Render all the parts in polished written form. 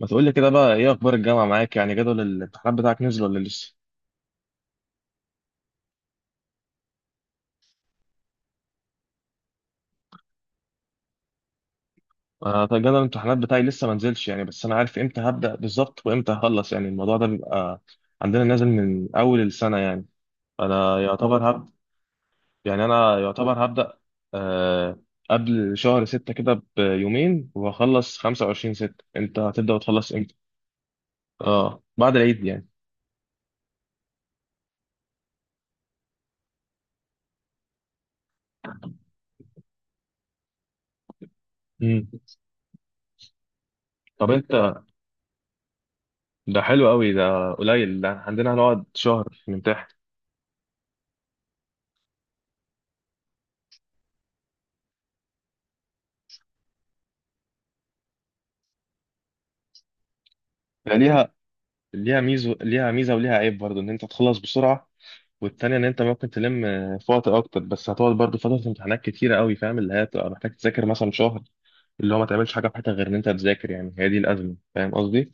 ما تقول لي كده بقى، ايه اخبار الجامعه معاك؟ يعني جدول الامتحانات بتاعك نزل ولا لسه؟ انا طيب، جدول الامتحانات بتاعي لسه ما نزلش يعني، بس انا عارف امتى هبدا بالظبط وامتى هخلص. يعني الموضوع ده بيبقى عندنا نازل من اول السنه يعني. انا يعتبر هبدا انا يعتبر هبدا. آه قبل شهر ستة كده بيومين وهخلص 25 ستة. انت هتبدا وتخلص امتى؟ اه، بعد العيد يعني. امم طب انت، ده حلو قوي ده قليل، ده عندنا هنقعد شهر نمتحن. يعني ليها ميزه، ليها ميزه وليها عيب برضو ان انت تخلص بسرعه، والتانية ان انت ممكن تلم في وقت اكتر، بس هتقعد برضو فتره امتحانات كتيره قوي، فاهم؟ اللي هي هتبقى محتاج تذاكر مثلا شهر، اللي هو ما تعملش حاجه في حياتك غير ان انت تذاكر، يعني هي دي الازمه، فاهم قصدي؟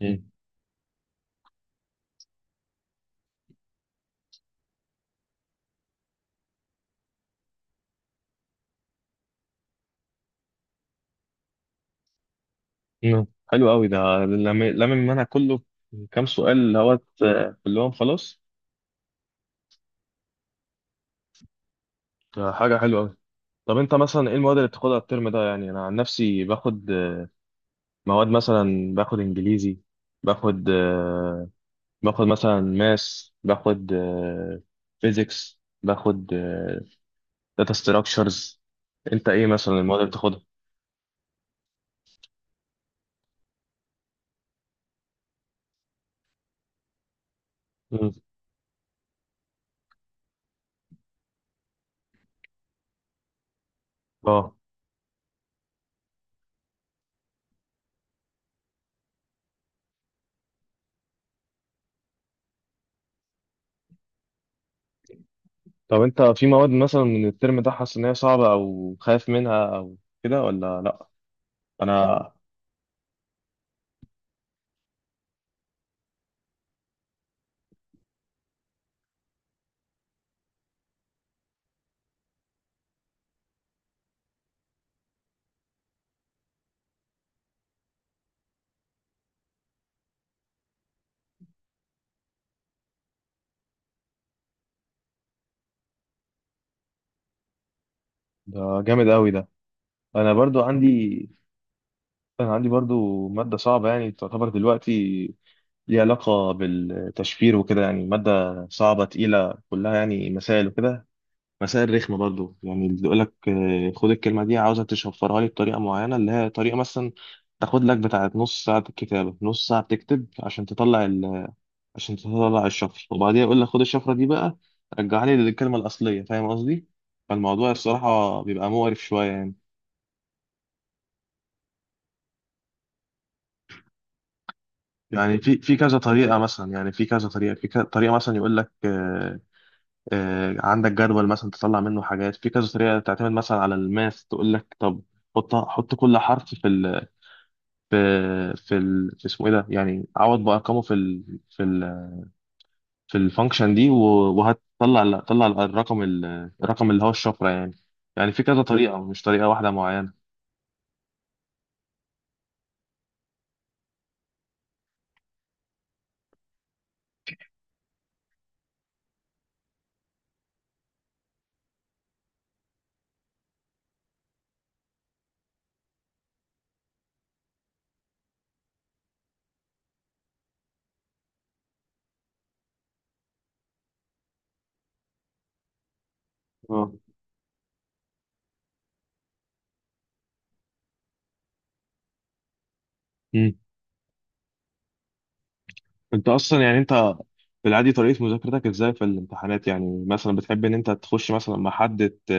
مم. مم. حلو قوي ده. لم لم المنهج كله كام سؤال، اللي هو كلهم خلاص. ده حاجه حلوه قوي. طب انت مثلا ايه المواد اللي بتاخدها الترم ده؟ يعني انا عن نفسي باخد مواد، مثلا باخد انجليزي، باخد باخد مثلا ماس، باخد فيزيكس، باخد داتا ستراكشرز. انت ايه مثلا المواد اللي بتاخدها؟ مم. اه. طب انت في مواد مثلا من الترم ده حاسس ان هي صعبه او خايف منها او كده، ولا لا؟ انا ده جامد قوي ده. انا برضو عندي انا عندي برضو ماده صعبه، يعني تعتبر دلوقتي، ليها علاقه بالتشفير وكده، يعني ماده صعبه تقيله كلها يعني مسائل وكده، مسائل رخمة برضو، يعني اللي يقول لك خد الكلمة دي عاوزك تشفرها لي بطريقة معينة، اللي هي طريقة مثلا تاخد لك بتاعة نص ساعة كتابة، نص ساعة بتكتب عشان تطلع ال... عشان تطلع الشفرة، وبعديها يقول لك خد الشفرة دي بقى رجعها لي للكلمة الأصلية، فاهم قصدي؟ فالموضوع الصراحة بيبقى مقرف شوية يعني. يعني في كذا طريقة مثلا، يعني في كذا طريقة، في كذا طريقة مثلا يقول لك عندك جدول مثلا تطلع منه حاجات، في كذا طريقة تعتمد مثلا على الماث، تقول لك طب حط حط كل حرف في في اسمه ايه ده، يعني عوض بارقامه في الفانكشن دي، و- وهتطلع الرقم اللي هو الشفره يعني. يعني في كذا طريقه، مش طريقه واحده معينه. اه. امم انت اصلا يعني انت في العادي طريقه مذاكرتك ازاي في الامتحانات؟ يعني مثلا بتحب ان انت تخش مثلا مع حد ت...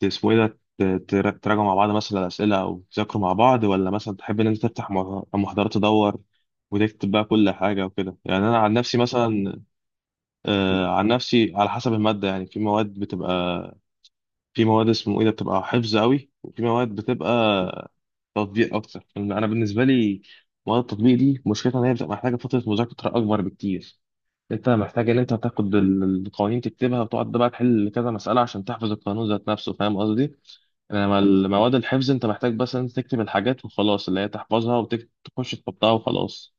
ت- اسمه ايه ده تراجعوا مع بعض مثلا الاسئله، او تذاكروا مع بعض، ولا مثلا تحب ان انت تفتح محاضرات تدور وتكتب بقى كل حاجه وكده؟ يعني انا عن نفسي مثلا عن نفسي على حسب المادة. يعني في مواد اسمه ايه ده بتبقى حفظ قوي، وفي مواد بتبقى تطبيق اكتر، لأن انا بالنسبة لي مواد التطبيق دي مشكلتها ان هي بتبقى محتاجة فترة مذاكرة اكبر بكتير. انت محتاج ان انت تاخد القوانين تكتبها وتقعد بقى تحل كذا مسألة عشان تحفظ القانون ذات نفسه، فاهم قصدي؟ انما المواد الحفظ انت محتاج بس ان انت تكتب الحاجات وخلاص، اللي هي تحفظها وتخش تحطها وخلاص.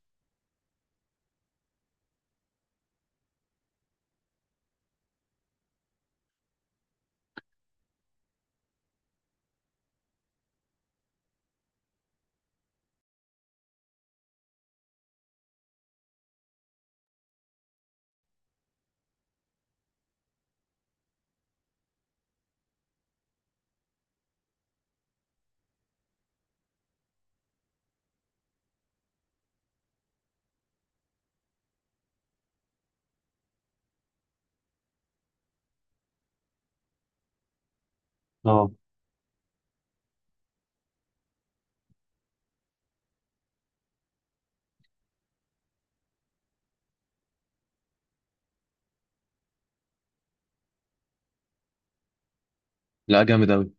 اه. لا، جامد قوي.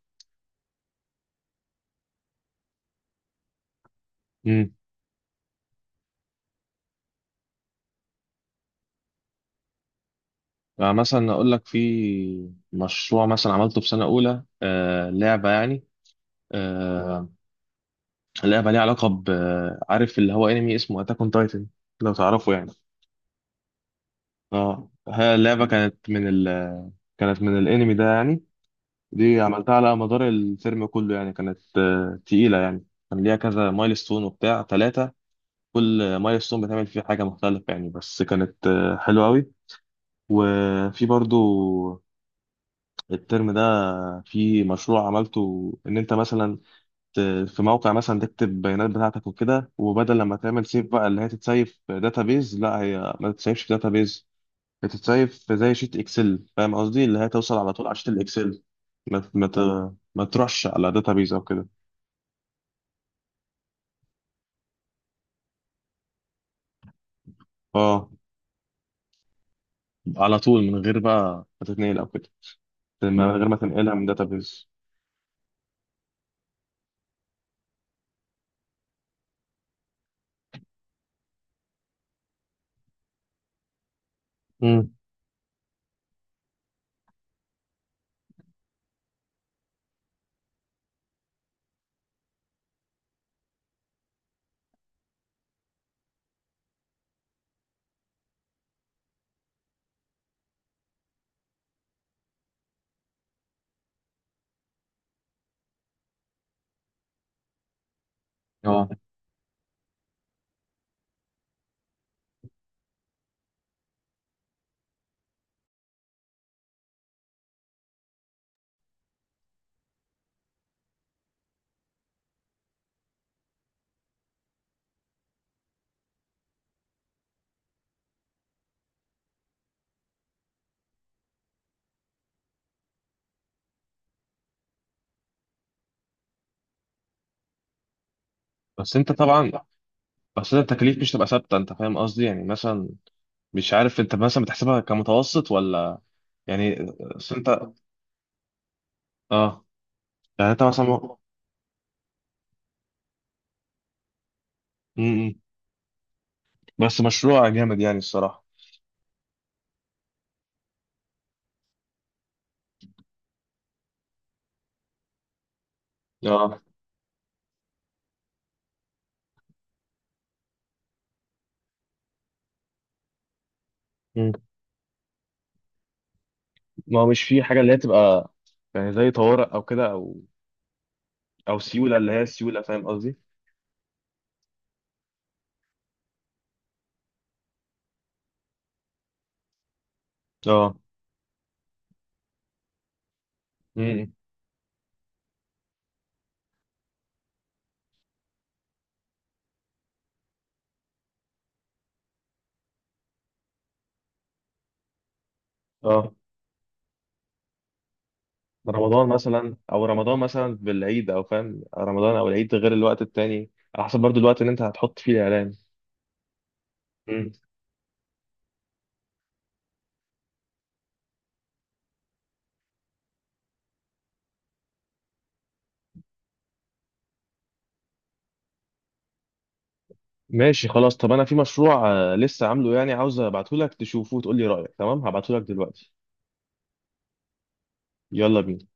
يعني مثلا اقول لك في مشروع مثلا عملته في سنه اولى، لعبه يعني. آه لعبه ليها علاقه ب عارف اللي هو انمي اسمه اتاك اون تايتن، لو تعرفه يعني. اه، هي اللعبه كانت من ال... كانت من الانمي ده يعني. دي عملتها على مدار الترم كله، يعني كانت تقيله، يعني كان ليها كذا مايلستون وبتاع ثلاثه، كل مايلستون بتعمل فيه حاجه مختلفه يعني، بس كانت حلوه قوي. وفي برضو الترم ده في مشروع عملته ان انت مثلا ت- في موقع مثلا تكتب البيانات بتاعتك وكده، وبدل لما تعمل سيف بقى اللي هي تتسيف في داتابيز، لا هي ما تتسيفش في داتابيز، بتتسيف في زي شيت اكسل، فاهم قصدي؟ اللي هي توصل على طول على شيت الاكسل، ما تروحش على داتابيز او كده، اه، على طول من غير بقى ما تتنقل او كده، من غير ما تنقلها من داتابيز. امم اه. بس انت طبعا بس انت التكاليف مش تبقى ثابته، انت فاهم قصدي؟ يعني مثلا مش عارف، انت مثلا بتحسبها كمتوسط ولا؟ يعني بس انت اه يعني انت مثلا م- م. بس مشروع جامد يعني الصراحة. اه. م. ما هو مش في حاجة اللي هي تبقى، يعني زي طوارئ او كده، او سيولة اللي هي السيولة، فاهم قصدي؟ اه. م- م. اه رمضان مثلا، او رمضان مثلا بالعيد، او فاهم رمضان او العيد غير الوقت التاني، على حسب برضو الوقت اللي انت هتحط فيه الاعلان. ماشي، خلاص. طب انا في مشروع لسه عامله، يعني عاوز ابعته لك تشوفه وتقول لي رايك، تمام؟ هبعته لك دلوقتي. يلا بينا.